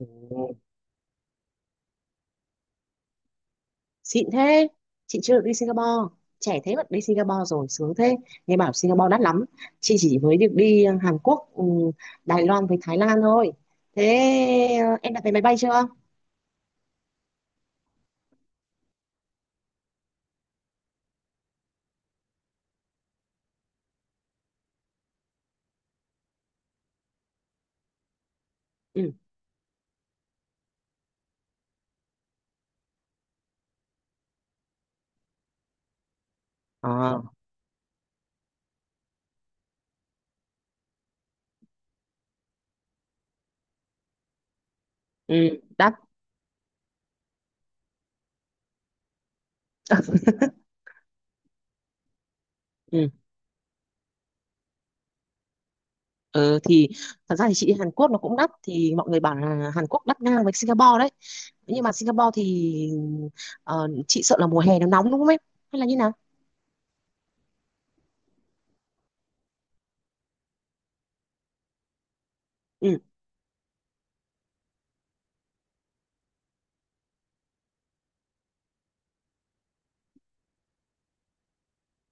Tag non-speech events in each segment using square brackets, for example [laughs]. Ồ, xịn thế. Chị chưa được đi Singapore, trẻ thế mà đi Singapore rồi, sướng thế. Nghe bảo Singapore đắt lắm. Chị chỉ mới được đi Hàn Quốc, Đài Loan với Thái Lan thôi. Thế em đặt vé máy bay chưa? Ừ. À, ừ, đắt. [laughs] Ừ. Ờ, thì thật ra thì chị đi Hàn Quốc nó cũng đắt, thì mọi người bảo là Hàn Quốc đắt ngang với Singapore đấy. Nhưng mà Singapore thì chị sợ là mùa hè nó nóng đúng không em, hay là như nào? Ừ.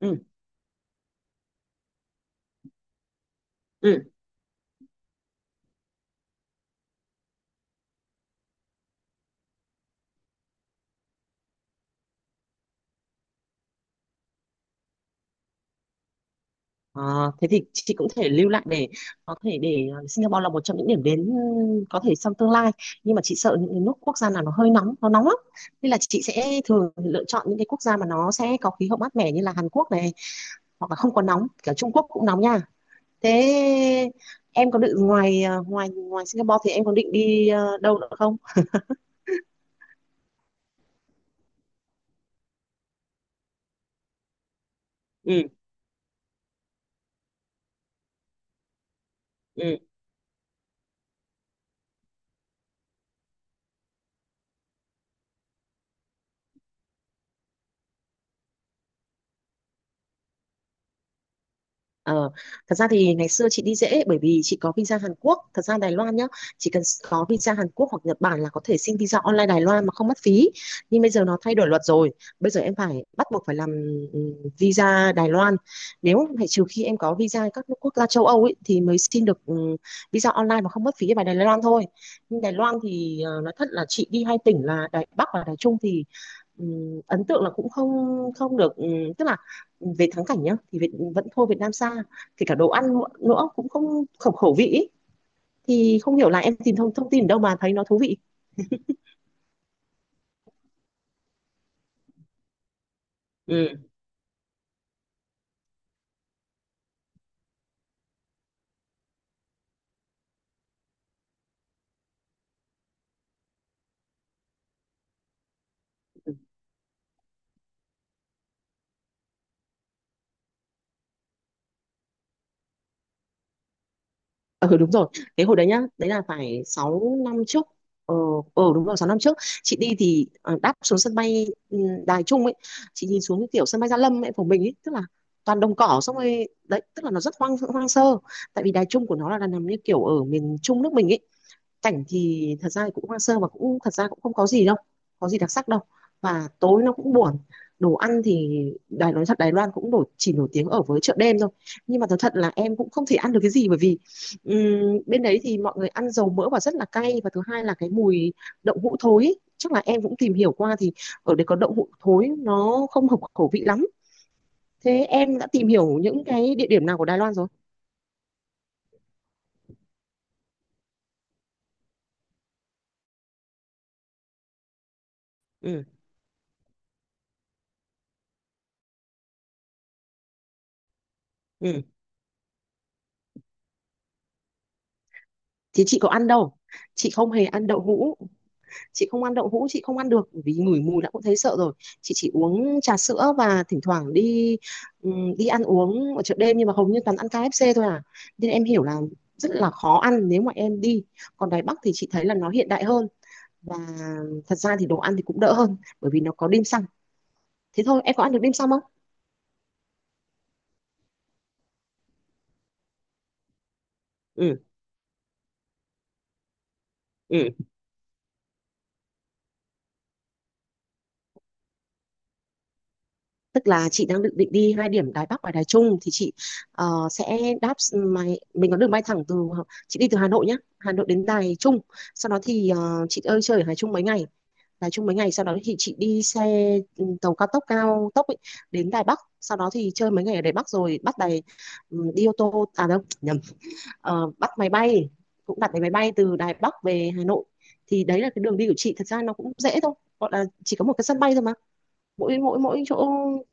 Ừ. Ừ. Ờ, thế thì chị cũng thể lưu lại để có thể để Singapore là một trong những điểm đến, ừ, có thể trong tương lai. Nhưng mà chị sợ những cái nước quốc gia nào nó hơi nóng, nó nóng lắm, nên là chị sẽ thường lựa chọn những cái quốc gia mà nó sẽ có khí hậu mát mẻ như là Hàn Quốc này, hoặc là không có nóng. Cả Trung Quốc cũng nóng nha. Thế em có định ngoài ờ, ngoài ngoài Singapore thì em có định đi đâu nữa không? Ừ. Ừ. Ờ, thật ra thì ngày xưa chị đi dễ bởi vì chị có visa Hàn Quốc. Thật ra Đài Loan nhá, chỉ cần có visa Hàn Quốc hoặc Nhật Bản là có thể xin visa online Đài Loan mà không mất phí. Nhưng bây giờ nó thay đổi luật rồi. Bây giờ em phải bắt buộc phải làm ừm, visa Đài Loan. Nếu phải trừ khi em có visa các nước quốc gia châu Âu ấy, thì mới xin được visa online mà không mất phí vào Đài Loan thôi. Nhưng Đài Loan thì nói thật là chị đi hai tỉnh là Đài Bắc và Đài Trung, thì ấn tượng là cũng không không được, tức là về thắng cảnh nhá thì vẫn thua Việt Nam xa, kể cả đồ ăn nữa cũng không khẩu khẩu vị ý. Thì không hiểu là em tìm thông thông tin đâu mà thấy nó thú vị. Ừ. Ừ, đúng rồi, cái hồi đấy nhá, đấy là phải 6 năm trước. Ờ. Ờ, đúng rồi, 6 năm trước chị đi thì đáp xuống sân bay, Đài Trung ấy. Chị nhìn xuống cái kiểu sân bay Gia Lâm ấy của mình ấy, tức là toàn đồng cỏ. Xong rồi đấy, tức là nó rất hoang hoang sơ, tại vì Đài Trung của nó là nằm như kiểu ở miền Trung nước mình ấy. Cảnh thì thật ra thì cũng hoang sơ và cũng thật ra cũng không có gì đâu, có gì đặc sắc đâu, và tối nó cũng buồn. Đồ ăn thì nói thật Đài Loan cũng nổi, chỉ nổi tiếng ở với chợ đêm thôi. Nhưng mà thật thật là em cũng không thể ăn được cái gì, bởi vì bên đấy thì mọi người ăn dầu mỡ và rất là cay, và thứ hai là cái mùi đậu hũ thối ý. Chắc là em cũng tìm hiểu qua thì ở đây có đậu hũ thối, nó không hợp khẩu vị lắm. Thế em đã tìm hiểu những cái địa điểm nào của Đài Loan rồi? Ừ. Ừ, thì chị có ăn đâu, chị không hề ăn đậu hũ. Chị không ăn đậu hũ, chị không ăn được vì ngửi mùi đã cũng thấy sợ rồi. Chị chỉ uống trà sữa và thỉnh thoảng đi đi ăn uống ở chợ đêm, nhưng mà hầu như toàn ăn KFC thôi à. Nên em hiểu là rất là khó ăn nếu mà em đi. Còn Đài Bắc thì chị thấy là nó hiện đại hơn, và thật ra thì đồ ăn thì cũng đỡ hơn bởi vì nó có dim sum. Thế thôi em có ăn được dim sum không? Ừ. Ừ, tức là chị đang định định đi hai điểm Đài Bắc và Đài Trung, thì chị sẽ đáp máy, mình có đường bay thẳng từ, chị đi từ Hà Nội nhá, Hà Nội đến Đài Trung. Sau đó thì chị ơi chơi ở Đài Trung mấy ngày, sau đó thì chị đi xe, tàu cao tốc, cao tốc ấy, đến Đài Bắc. Sau đó thì chơi mấy ngày ở Đài Bắc rồi bắt đi ô tô à, đâu nhầm. Ờ, bắt máy bay, cũng đặt vé máy bay từ Đài Bắc về Hà Nội. Thì đấy là cái đường đi của chị, thật ra nó cũng dễ thôi, gọi là chỉ có một cái sân bay thôi mà, mỗi mỗi mỗi chỗ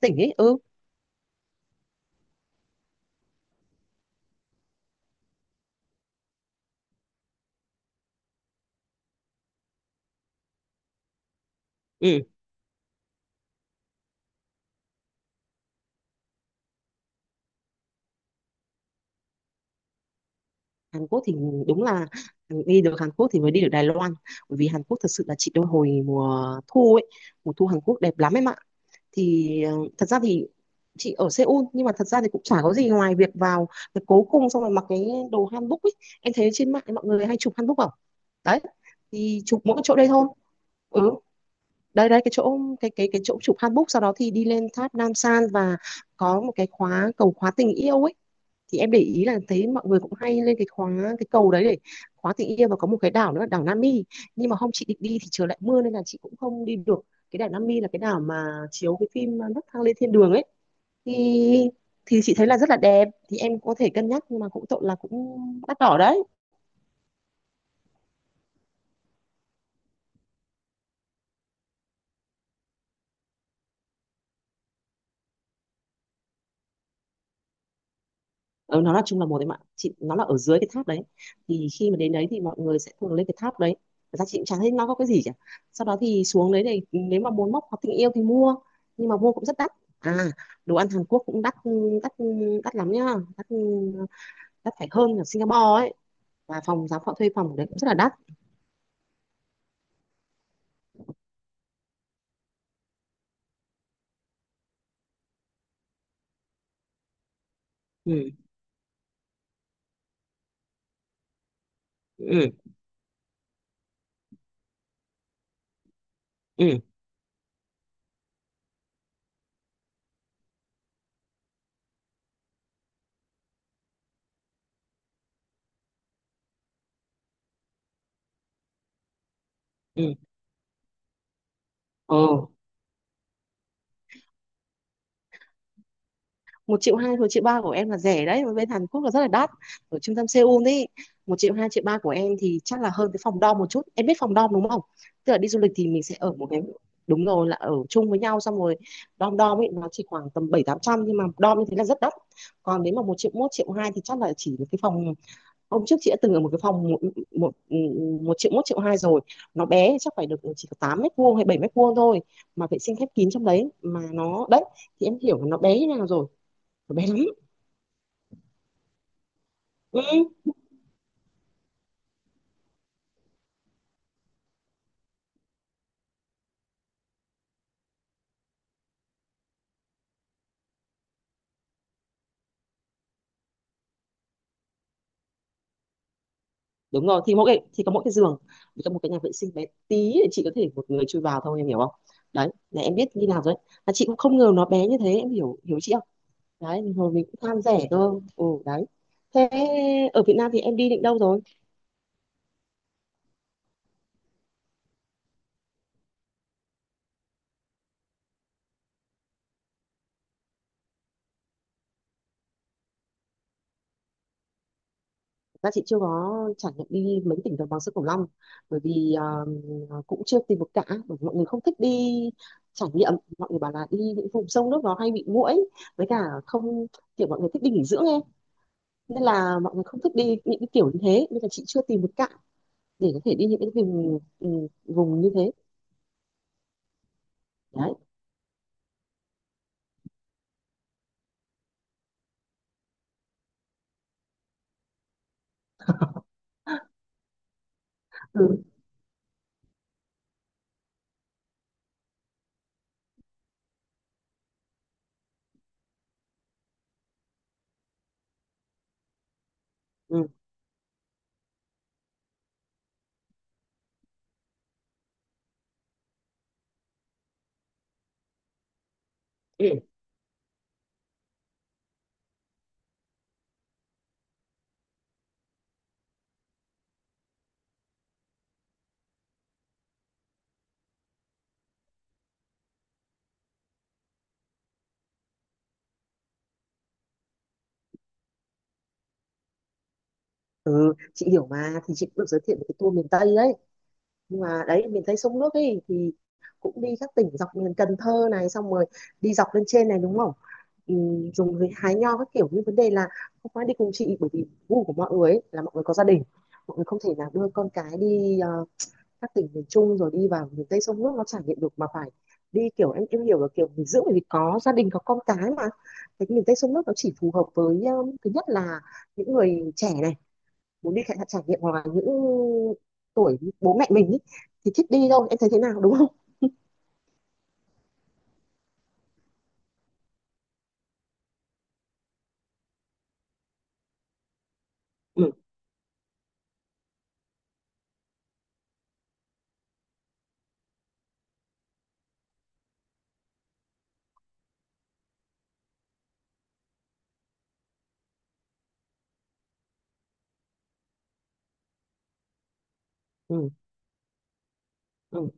tỉnh ấy. Ừ. Ừ, Hàn Quốc thì đúng là đi được Hàn Quốc thì mới đi được Đài Loan. Bởi vì Hàn Quốc thật sự là chị đôi hồi mùa thu ấy, mùa thu Hàn Quốc đẹp lắm em ạ. Thì thật ra thì chị ở Seoul, nhưng mà thật ra thì cũng chả có gì ngoài việc vào việc cố cung, xong rồi mặc cái đồ hanbok ấy. Em thấy trên mạng mọi người hay chụp hanbok không? Đấy, thì chụp mỗi chỗ đây thôi. Ừ, đây đây, cái chỗ cái chỗ chụp handbook, sau đó thì đi lên tháp Nam San, và có một cái khóa cầu khóa tình yêu ấy. Thì em để ý là thấy mọi người cũng hay lên cái khóa cái cầu đấy để khóa tình yêu. Và có một cái đảo nữa là đảo Nami, nhưng mà hôm chị định đi thì trời lại mưa nên là chị cũng không đi được. Cái đảo Nami là cái đảo mà chiếu cái phim Nấc thang lên thiên đường ấy. Thì chị thấy là rất là đẹp, thì em có thể cân nhắc, nhưng mà cũng tội là cũng đắt đỏ đấy. Ừ, nó là chung là một đấy mà chị, nó là ở dưới cái tháp đấy. Thì khi mà đến đấy thì mọi người sẽ thường lên cái tháp đấy. Thật ra chị cũng chẳng thấy nó có cái gì cả. Sau đó thì xuống đấy thì nếu mà muốn móc hoặc tình yêu thì mua, nhưng mà mua cũng rất đắt. À, đồ ăn Hàn Quốc cũng đắt. Đắt, đắt lắm nhá. Đắt, đắt phải hơn ở Singapore ấy. Và phòng giá, họ thuê phòng ở đấy cũng rất là đắt. Ừ. Ừ. Ừ. Ừ. Ừ, một triệu hai một triệu ba của em là rẻ đấy, mà bên Hàn Quốc là rất là đắt. Ở trung tâm Seoul ấy, một triệu hai triệu ba của em thì chắc là hơn cái phòng dorm một chút, em biết phòng dorm đúng không? Tức là đi du lịch thì mình sẽ ở một cái, đúng rồi, là ở chung với nhau. Xong rồi dorm dorm ấy, nó chỉ khoảng tầm bảy tám trăm, nhưng mà dorm như thế là rất đắt. Còn nếu mà một triệu hai thì chắc là chỉ một cái phòng. Hôm trước chị đã từng ở một cái phòng một một, ừ, một triệu hai rồi. Nó bé, chắc phải được chỉ có 8 mét vuông hay 7 mét vuông thôi, mà vệ sinh khép kín trong đấy, mà nó đấy. Thì em hiểu là nó bé như thế nào rồi, nó bé lắm. Ừ, đúng rồi, thì mỗi cái thì có mỗi cái giường, với cả một cái nhà vệ sinh bé tí để chị có thể một người chui vào thôi, em hiểu không? Đấy là em biết như nào rồi đấy, mà chị cũng không ngờ nó bé như thế, em hiểu hiểu chị không? Đấy thì hồi mình cũng tham rẻ cơ. Ừ, đấy. Thế ở Việt Nam thì em đi định đâu rồi? Ra chị chưa có trải nghiệm đi mấy tỉnh đồng bằng sông Cửu Long, bởi vì cũng chưa tìm được cả, bởi vì mọi người không thích đi trải nghiệm. Mọi người bảo là đi những vùng sông nước nó hay bị muỗi, với cả không, kiểu mọi người thích đi nghỉ dưỡng em. Nên là mọi người không thích đi những cái kiểu như thế, nên là chị chưa tìm được cạn để có thể đi những cái vùng, vùng như thế. Đấy. Ừ. Ừ. Ừ, chị hiểu mà, thì chị cũng được giới thiệu một cái tour miền Tây đấy, nhưng mà đấy miền Tây sông nước ấy thì cũng đi các tỉnh dọc miền Cần Thơ này, xong rồi đi dọc lên trên này đúng không? Ừ, dùng với hái nho các kiểu, nhưng vấn đề là không phải đi cùng chị, bởi vì gu của mọi người ấy, là mọi người có gia đình, mọi người không thể nào đưa con cái đi các tỉnh miền Trung rồi đi vào miền Tây sông nước nó trải nghiệm được, mà phải đi kiểu em hiểu là kiểu nghỉ dưỡng, bởi vì có gia đình có con cái mà. Cái miền Tây sông nước nó chỉ phù hợp với, thứ nhất là những người trẻ này muốn đi trải trải nghiệm, hoặc là những tuổi bố mẹ mình ý, thì thích đi thôi. Em thấy thế nào đúng không? Ừ. Ừ. Ừ.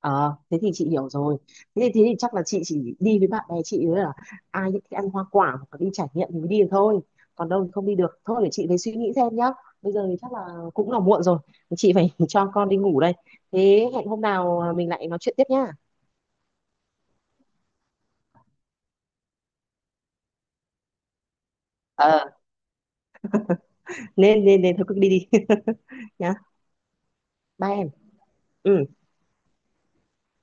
Ờ, thế thì chị hiểu rồi. Thế thì chắc là chị chỉ đi với bạn bè chị nữa, là ai thích ăn hoa quả hoặc là đi trải nghiệm thì mới đi được thôi. Còn đâu thì không đi được. Thôi để chị phải suy nghĩ xem nhá. Bây giờ thì chắc là cũng là muộn rồi. Chị phải [laughs] cho con đi ngủ đây. Thế hẹn hôm nào mình lại nói chuyện tiếp nhá. Ờ, nên nên nên thôi cứ đi đi [laughs] nhá. Bye em. Ừ.